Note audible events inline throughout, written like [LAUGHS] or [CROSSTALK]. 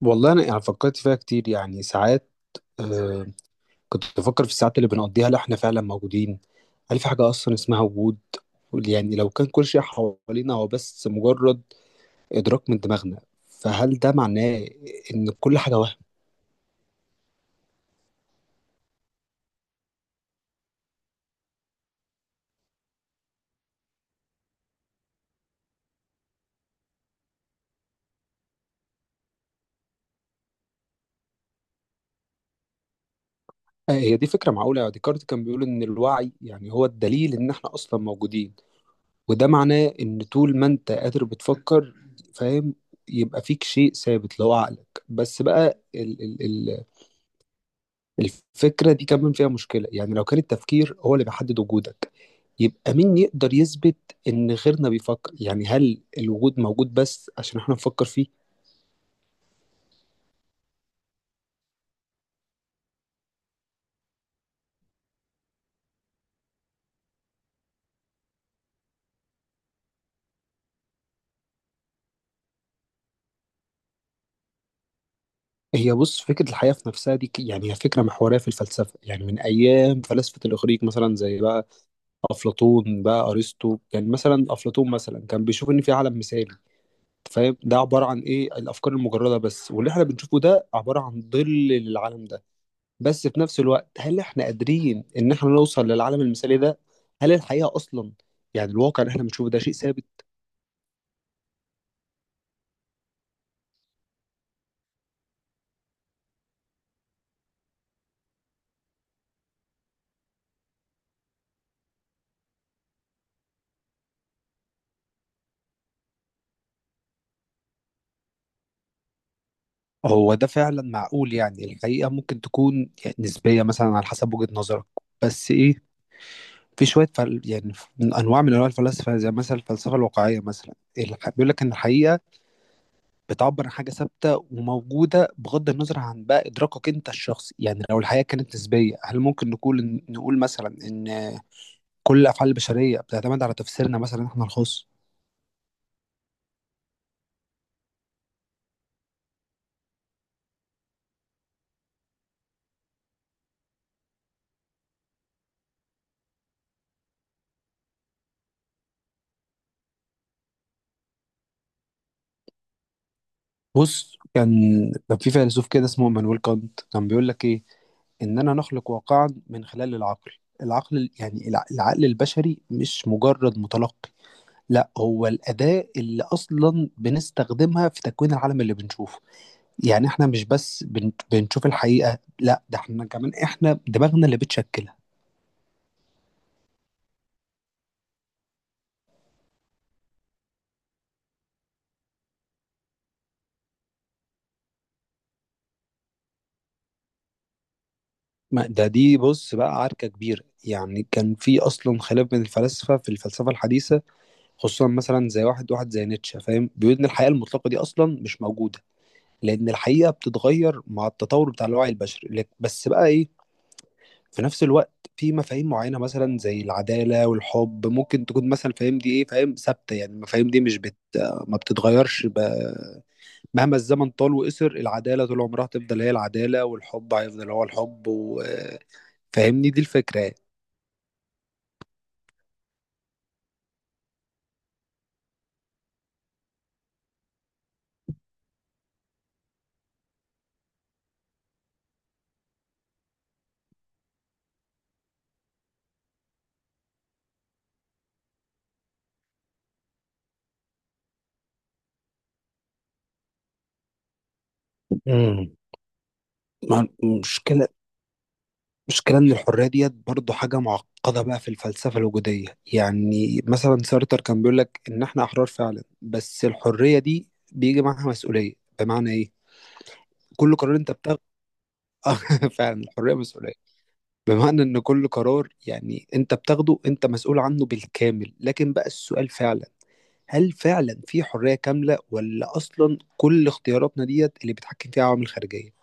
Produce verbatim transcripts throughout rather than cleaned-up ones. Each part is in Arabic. والله انا يعني فكرت فيها كتير، يعني ساعات. آه كنت بفكر في الساعات اللي بنقضيها، لا احنا فعلا موجودين؟ هل في حاجه اصلا اسمها وجود؟ يعني لو كان كل شيء حوالينا هو بس مجرد ادراك من دماغنا، فهل ده معناه ان كل حاجه وهم؟ آه، هي دي فكره معقوله، يعني ديكارت كان بيقول ان الوعي يعني هو الدليل ان احنا اصلا موجودين، وده معناه ان طول ما انت قادر بتفكر، فاهم، يبقى فيك شيء ثابت اللي هو عقلك. بس بقى الفكرة دي كمان فيها مشكلة، يعني لو كان التفكير هو اللي بيحدد وجودك، يبقى مين يقدر يثبت إن غيرنا بيفكر؟ يعني هل الوجود موجود بس عشان احنا نفكر فيه؟ هي بص، فكرة الحياة في نفسها دي ك- يعني هي فكرة محورية في الفلسفة، يعني من أيام فلاسفة الإغريق، مثلا زي بقى أفلاطون بقى أرسطو. يعني مثلا أفلاطون مثلا كان بيشوف إن في عالم مثالي، فاهم، ده عبارة عن إيه؟ الأفكار المجردة بس، واللي احنا بنشوفه ده عبارة عن ظل للعالم ده. بس في نفس الوقت هل احنا قادرين ان احنا نوصل للعالم المثالي ده؟ هل الحقيقة اصلا، يعني الواقع اللي احنا بنشوفه ده شيء ثابت؟ هو ده فعلا معقول، يعني الحقيقة ممكن تكون يعني نسبية، مثلا على حسب وجهة نظرك. بس ايه، في شوية فل... يعني من أنواع من أنواع الفلاسفة زي مثلا الفلسفة الواقعية، مثلا الح- بيقول لك إن الحقيقة بتعبر عن حاجة ثابتة وموجودة بغض النظر عن بقى إدراكك أنت الشخصي. يعني لو الحقيقة كانت نسبية، هل ممكن نقول نقول مثلا إن كل الافعال البشريه بتعتمد على تفسيرنا مثلا احنا الخاص؟ بص، كان كان في فيلسوف كده اسمه مانويل كانت، كان بيقول لك ايه؟ اننا نخلق واقعا من خلال العقل. العقل يعني الع- العقل البشري مش مجرد متلقي، لا هو الاداه اللي اصلا بنستخدمها في تكوين العالم اللي بنشوفه. يعني احنا مش بس بن- بنشوف الحقيقه، لا ده احنا كمان، احنا دماغنا اللي بتشكلها. ما- ده دي بص بقى عركة كبيرة، يعني كان في أصلا خلاف بين الفلاسفة في الفلسفة الحديثة، خصوصا مثلا زي واحد واحد زي نيتشه، فاهم، بيقول ان الحقيقه المطلقه دي اصلا مش موجوده، لان الحقيقه بتتغير مع التطور بتاع الوعي البشري. لك- بس بقى ايه، في نفس الوقت في مفاهيم معينه مثلا زي العداله والحب ممكن تكون، مثلا، فاهم، دي ايه، فاهم، ثابته. يعني المفاهيم دي مش بت ما بتتغيرش، ب... مهما الزمن طال وقصر، العداله طول عمرها تفضل هي العداله، والحب هيفضل هو الحب و... فاهمني دي الفكره يعني. امم مشكلة المشكلة إن الحرية ديت برضه حاجة معقدة بقى في الفلسفة الوجودية، يعني مثلا سارتر كان بيقول لك إن إحنا أحرار فعلا، بس الحرية دي بيجي معاها مسؤولية، بمعنى إيه؟ كل قرار أنت بتاخده [LAUGHS] فعلا الحرية مسؤولية، بمعنى إن كل قرار يعني أنت بتاخده أنت مسؤول عنه بالكامل. لكن بقى السؤال فعلا، هل فعلا في حرية كاملة ولا أصلا كل اختياراتنا ديت اللي بيتحكم فيها عوامل خارجية؟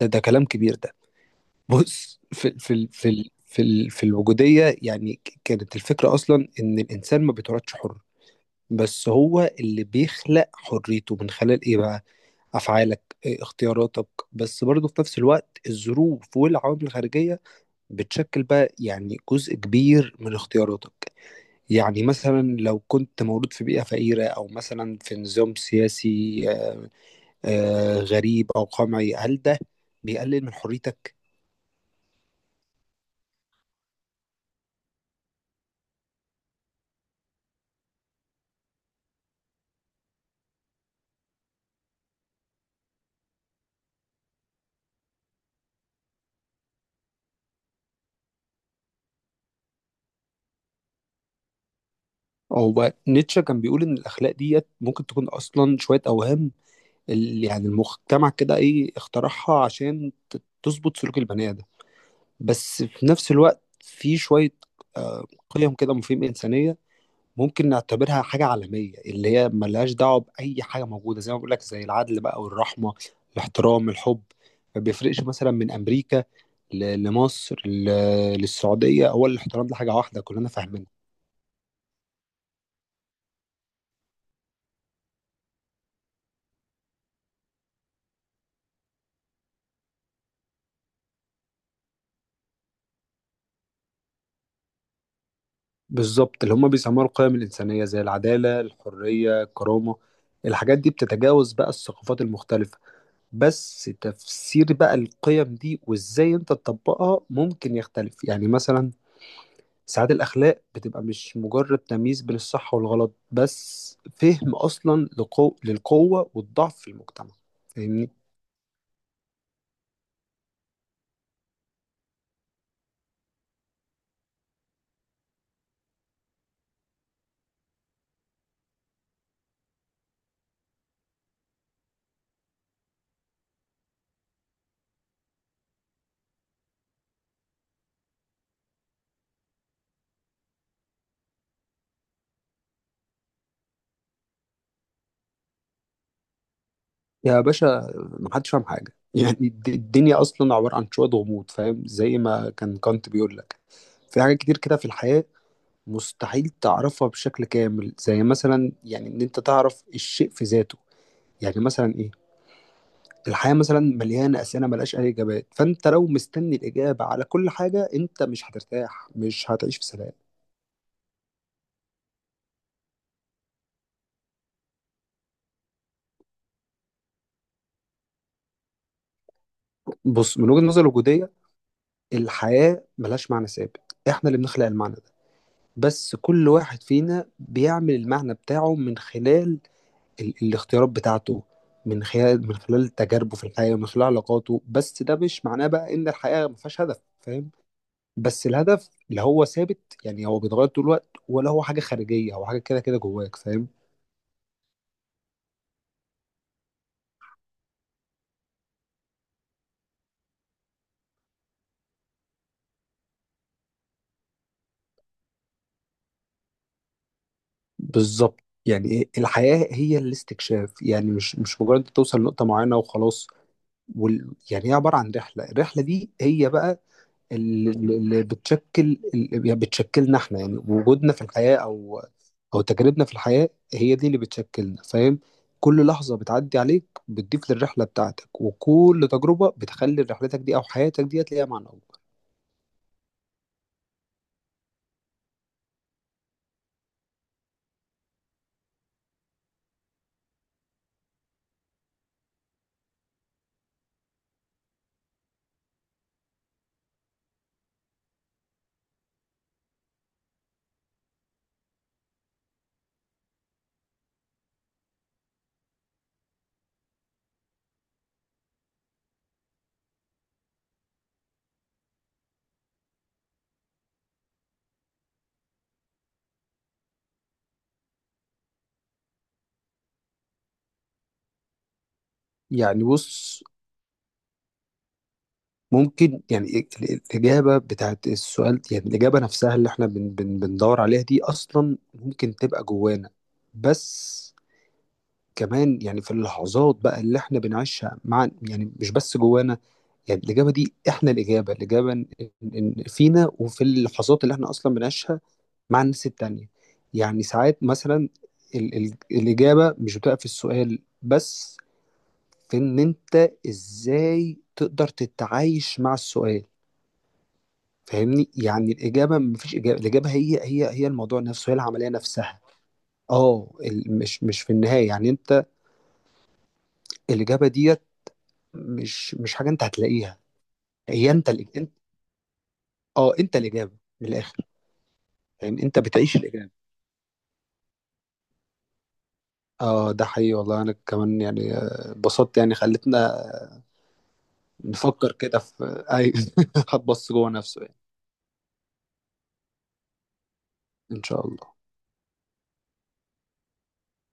ده, ده كلام كبير ده. بص، في في ال- في ال- في ال- في الوجودية، يعني ك- كانت الفكرة أصلا إن الإنسان ما بيتولدش حر، بس هو اللي بيخلق حريته من خلال إيه بقى؟ أفعالك، إيه، اختياراتك. بس برضه في نفس الوقت الظروف والعوامل الخارجية بتشكل بقى يعني جزء كبير من اختياراتك. يعني مثلا لو كنت مولود في بيئة فقيرة أو مثلا في نظام سياسي، آه، آه، غريب أو قمعي، هل ده بيقلل من حريتك؟ هو نيتشه كان بيقول ان الاخلاق ديت ممكن تكون اصلا شويه اوهام، ال- يعني المجتمع كده ايه، اخترعها عشان ت- تظبط سلوك البني ادم. بس في نفس الوقت في شويه، آه، قيم كده، مفاهيم انسانيه ممكن نعتبرها حاجه عالميه، اللي هي ملهاش دعوه باي حاجه موجوده، زي ما بقول لك، زي العدل بقى والرحمه، الاحترام، الحب. ما بيفرقش مثلا من امريكا ل- لمصر ل- للسعوديه، هو الاحترام ده حاجه واحده كلنا فاهمين. بالظبط، اللي هم بيسموها القيم الإنسانية زي العدالة، الحرية، الكرامة، الحاجات دي بتتجاوز بقى الثقافات المختلفة. بس تفسير بقى القيم دي وإزاي أنت تطبقها ممكن يختلف، يعني مثلا ساعات الأخلاق بتبقى مش مجرد تمييز بين الصح والغلط، بس فهم أصلا لقو... للقوة والضعف في المجتمع، فاهمني. يا باشا، محدش فاهم حاجة [LAUGHS] يعني الد- الدنيا أصلا عبارة عن شوية غموض، فاهم، زي ما كان كانت بيقول لك، في حاجات كتير كده في الحياة مستحيل تعرفها بشكل كامل، زي مثلا يعني ان انت تعرف الشيء في ذاته. يعني مثلا ايه؟ الحياة مثلا مليانة أسئلة ملهاش أي إجابات، فأنت لو مستني الإجابة على كل حاجة أنت مش هترتاح، مش هتعيش في سلام. بص، من وجهة نظر الوجودية الحياة ملهاش معنى ثابت، إحنا اللي بنخلق المعنى ده. بس كل واحد فينا بيعمل المعنى بتاعه من خلال ال الاختيارات بتاعته، من خلال من خلال تجاربه في الحياة، من خلال علاقاته. بس ده مش معناه بقى إن الحياة مفيهاش هدف، فاهم. بس الهدف اللي هو ثابت يعني هو بيتغير طول الوقت، ولا هو حاجه خارجيه، هو حاجه كده كده جواك، فاهم. بالظبط. يعني إيه؟ الحياه هي الاستكشاف، يعني مش مش مجرد انت توصل لنقطه معينه وخلاص. وال... يعني هي عباره عن رحله، الرحله دي هي بقى اللي اللي بتشكل، اللي يعني بتشكلنا احنا، يعني وجودنا في الحياه او او تجاربنا في الحياه، هي دي اللي بتشكلنا، فاهم. كل لحظه بتعدي عليك بتضيف للرحله بتاعتك، وكل تجربه بتخلي رحلتك دي او حياتك ديت ليها معنى. يعني بص، ممكن يعني ال- ال- الإجابة بتاعت السؤال، يعني الإجابة نفسها اللي احنا بن بن بندور عليها دي أصلا ممكن تبقى جوانا. بس كمان، يعني في اللحظات بقى اللي احنا بنعيشها مع، يعني مش بس جوانا، يعني الإجابة دي احنا، الإجابة الإجابة إن إن- إن فينا وفي اللحظات اللي احنا أصلا بنعيشها مع الناس التانية. يعني ساعات مثلا ال ال الإجابة مش بتبقى في السؤال بس، في ان انت ازاي تقدر تتعايش مع السؤال، فاهمني. يعني الاجابه مفيش اجابه، الاجابه هي هي هي الموضوع نفسه، هي العمليه نفسها. اه، ال- مش مش في النهايه، يعني انت الاجابه ديت مش مش حاجه انت هتلاقيها. هي انت الإج... انت، اه انت الاجابه، من الاخر، يعني انت بتعيش الاجابه. اه ده حقيقي، والله انا كمان، يعني آه، اتبسطت، يعني خلتنا نفكر كده في اي [LAUGHS] هتبص جوه نفسه يعني. ان شاء الله.